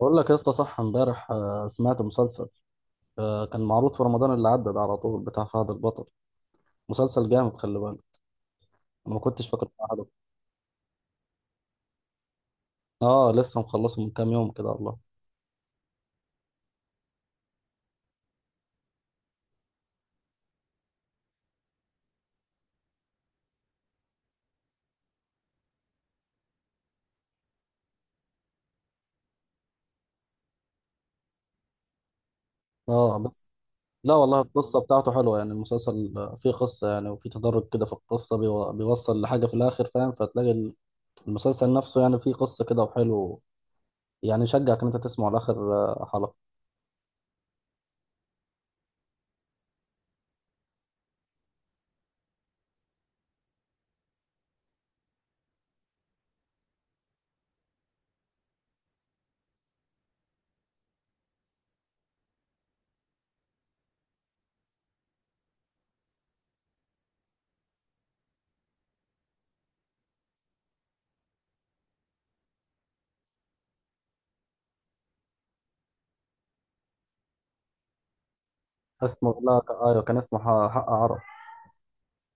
بقول لك يا اسطى، صح امبارح سمعت مسلسل. كان معروض في رمضان اللي عدى ده، على طول، بتاع فهد البطل. مسلسل جامد، خلي بالك. أنا ما كنتش فاكر بتاع حلو. اه، لسه مخلصه من كام يوم كده والله. اه بس. لا والله القصه بتاعته حلوه، يعني المسلسل فيه قصه يعني، وفيه تدرج كده في القصه، بيوصل لحاجه في الاخر، فاهم؟ فتلاقي المسلسل نفسه يعني فيه قصه كده وحلو. يعني يشجعك ان انت تسمعه لاخر حلقه. اسمه، لا ايوه، كان اسمه حق عرب،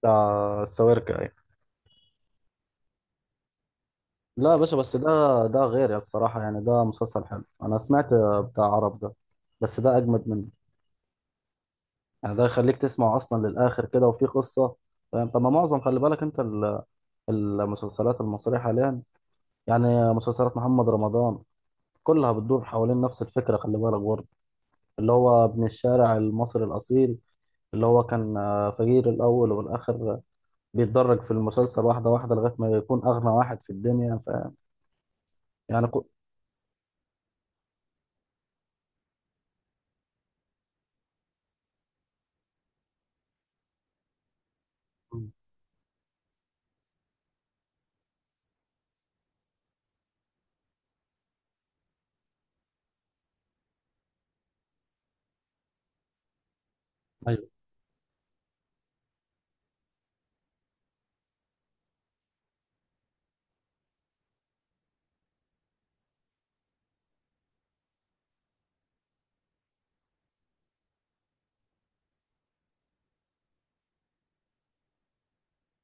بتاع السويركة يعني. لا يا باشا، بس ده غير يا الصراحة، يعني ده مسلسل حلو، أنا سمعت بتاع عرب ده، بس ده أجمد منه. يعني ده يخليك تسمع أصلا للآخر كده، وفي قصة، فاهم؟ طب ما معظم، خلي بالك، المسلسلات المصرية حاليا، يعني مسلسلات محمد رمضان، كلها بتدور حوالين نفس الفكرة، خلي بالك برضه، اللي هو ابن الشارع المصري الأصيل، اللي هو كان فقير الأول، والآخر بيتدرج في المسلسل واحدة واحدة، لغاية ما يكون أغنى واحد في الدنيا، فاهم؟ يعني كو... أيوه.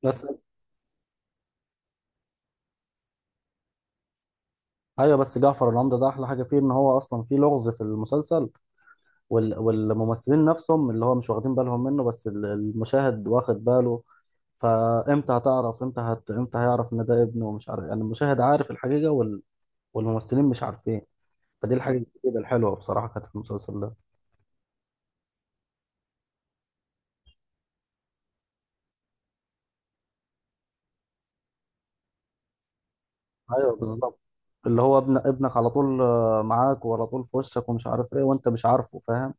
بس جعفر العمدة ده احلى حاجة فيه، ان هو اصلا فيه لغز في المسلسل، والممثلين نفسهم اللي هو مش واخدين بالهم منه، بس المشاهد واخد باله. فامتى هتعرف، امتى هيعرف ان ده ابنه، ومش عارف، يعني المشاهد عارف الحقيقة والممثلين مش عارفين. فدي الحاجة الجديدة الحلوة بصراحة كانت في المسلسل ده. ايوه بالظبط، اللي هو ابن ابنك على طول معاك، وعلى طول في وشك، ومش عارف ايه، وانت مش عارفه، فاهم؟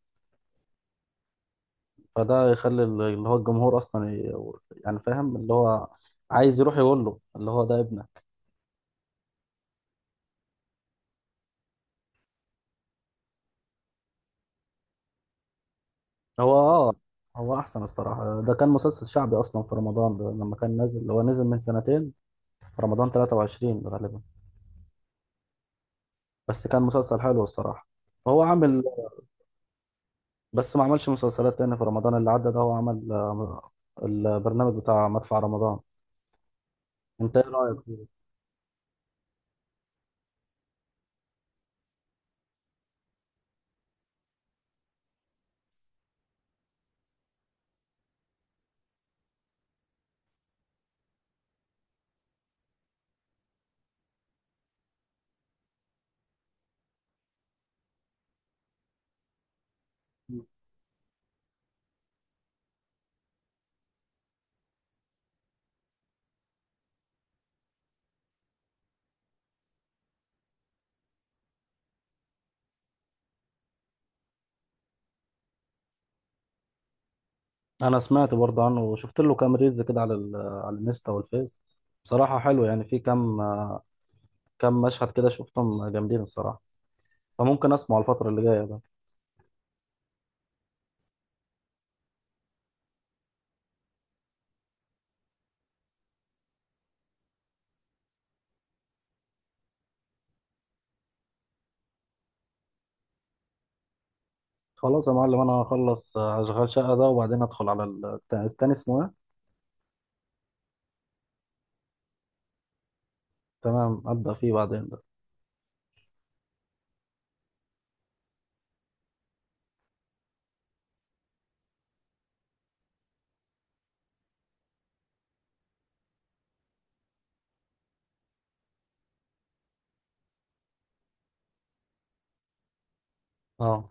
فده يخلي اللي هو الجمهور اصلا ي... يعني فاهم، اللي هو عايز يروح يقول له اللي هو ده ابنك. هو اه. هو احسن الصراحه، ده كان مسلسل شعبي اصلا في رمضان، ده لما كان نازل هو نزل من سنتين، في رمضان 23 غالبا. بس كان مسلسل حلو الصراحه. هو عامل، بس ما عملش مسلسلات تاني في رمضان اللي عدى ده، هو عمل البرنامج بتاع مدفع رمضان. انت ايه رايك فيه؟ انا سمعت برضه عنه، وشفت له كام ريلز كده على الانستا والفيس. بصراحه حلو، يعني في كام كام مشهد كده شفتهم جامدين الصراحه. فممكن اسمعه الفتره اللي جايه. خلاص يا معلم، انا هخلص اشغال شقه ده، وبعدين ادخل على التاني، اسمه ايه؟ تمام، ابدا فيه بعدين ده. اه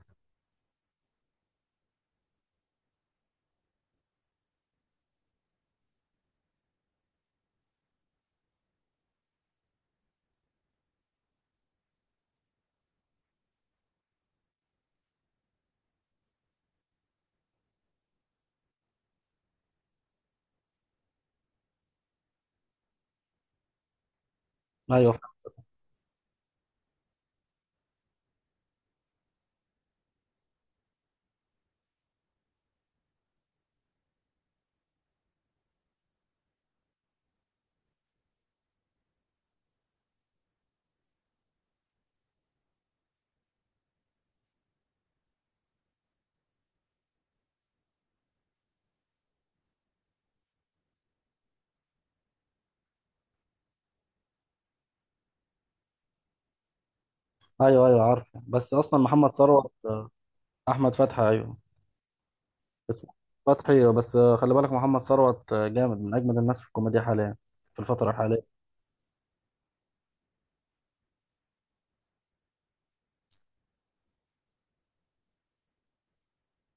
ايوه فاهم. ايوه ايوه عارف، بس اصلا محمد ثروت آه،. احمد فتحي، ايوه، اسمه فتحي. بس خلي بالك، محمد ثروت جامد، من اجمد الناس في الكوميديا حاليا، في الفتره الحاليه.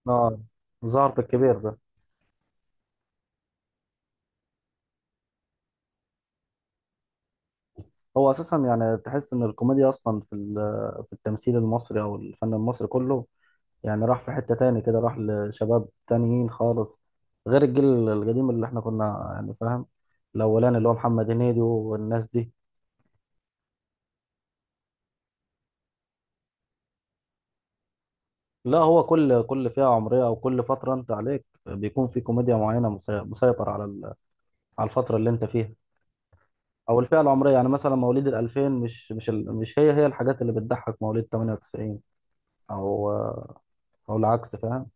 اه ظهرت الكبير ده. هو اساسا يعني تحس ان الكوميديا اصلا في التمثيل المصري او الفن المصري كله، يعني راح في حتة تاني كده، راح لشباب تانيين خالص، غير الجيل القديم اللي احنا كنا، يعني فاهم، الأولاني اللي هو محمد هنيدي والناس دي. لا هو كل فئة عمرية أو كل فترة أنت عليك، بيكون في كوميديا معينة مسيطر على الفترة اللي أنت فيها، أو الفئة العمرية. يعني مثلا مواليد الألفين، مش هي هي الحاجات اللي بتضحك مواليد 98، أو العكس، فاهم؟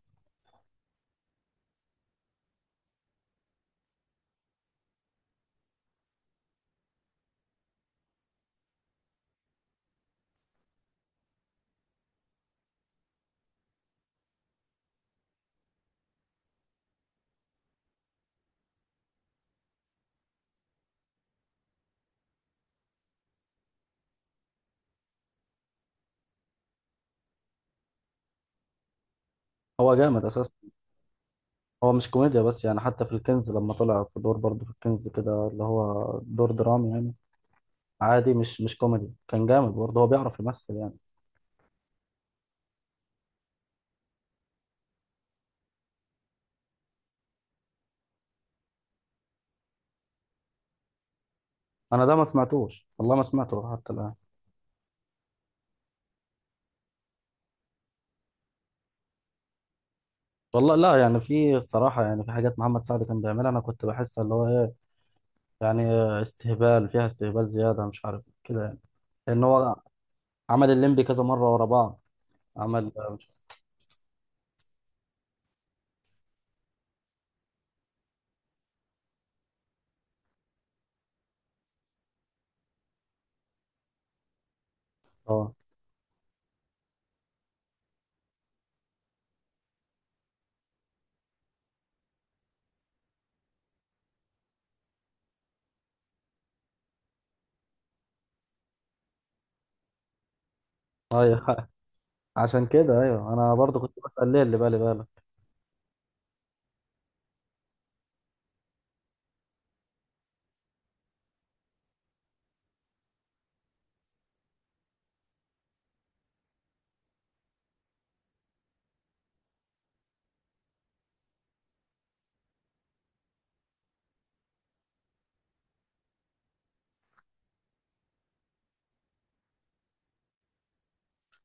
هو جامد أساسا. هو مش كوميديا بس يعني، حتى في الكنز لما طلع في دور برضه في الكنز كده، اللي هو دور درامي يعني، عادي، مش كوميدي، كان جامد برضه، هو بيعرف يمثل يعني. انا ده ما سمعتوش والله، ما سمعته حتى الان. والله لا يعني، في الصراحة يعني في حاجات محمد سعد كان بيعملها، أنا كنت بحس اللي هو إيه يعني، استهبال فيها، استهبال زيادة، مش عارف كده يعني، لأن هو عمل الليمبي كذا مرة ورا بعض. عمل مش اه. أيوه. عشان كده أيوه، أنا برضه كنت بسأل ليه اللي بالي بالك.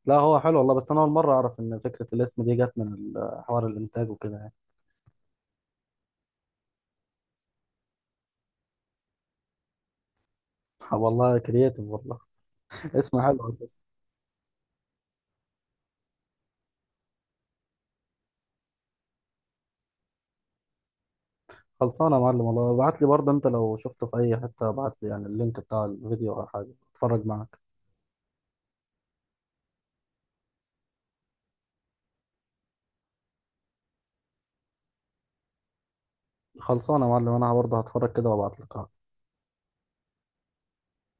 لا هو حلو والله، بس أنا أول مرة أعرف إن فكرة الاسم دي جت من حوار الإنتاج وكده يعني. والله كرييتيف والله. اسم حلو أساسا. خلصانه يا معلم والله، ابعت لي برضه، انت لو شفته في اي حته ابعت لي، يعني اللينك بتاع الفيديو او حاجه اتفرج معاك. خلصانه يا معلم، انا برضه هتفرج كده وابعت لك.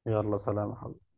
يلا سلام يا حبيبي.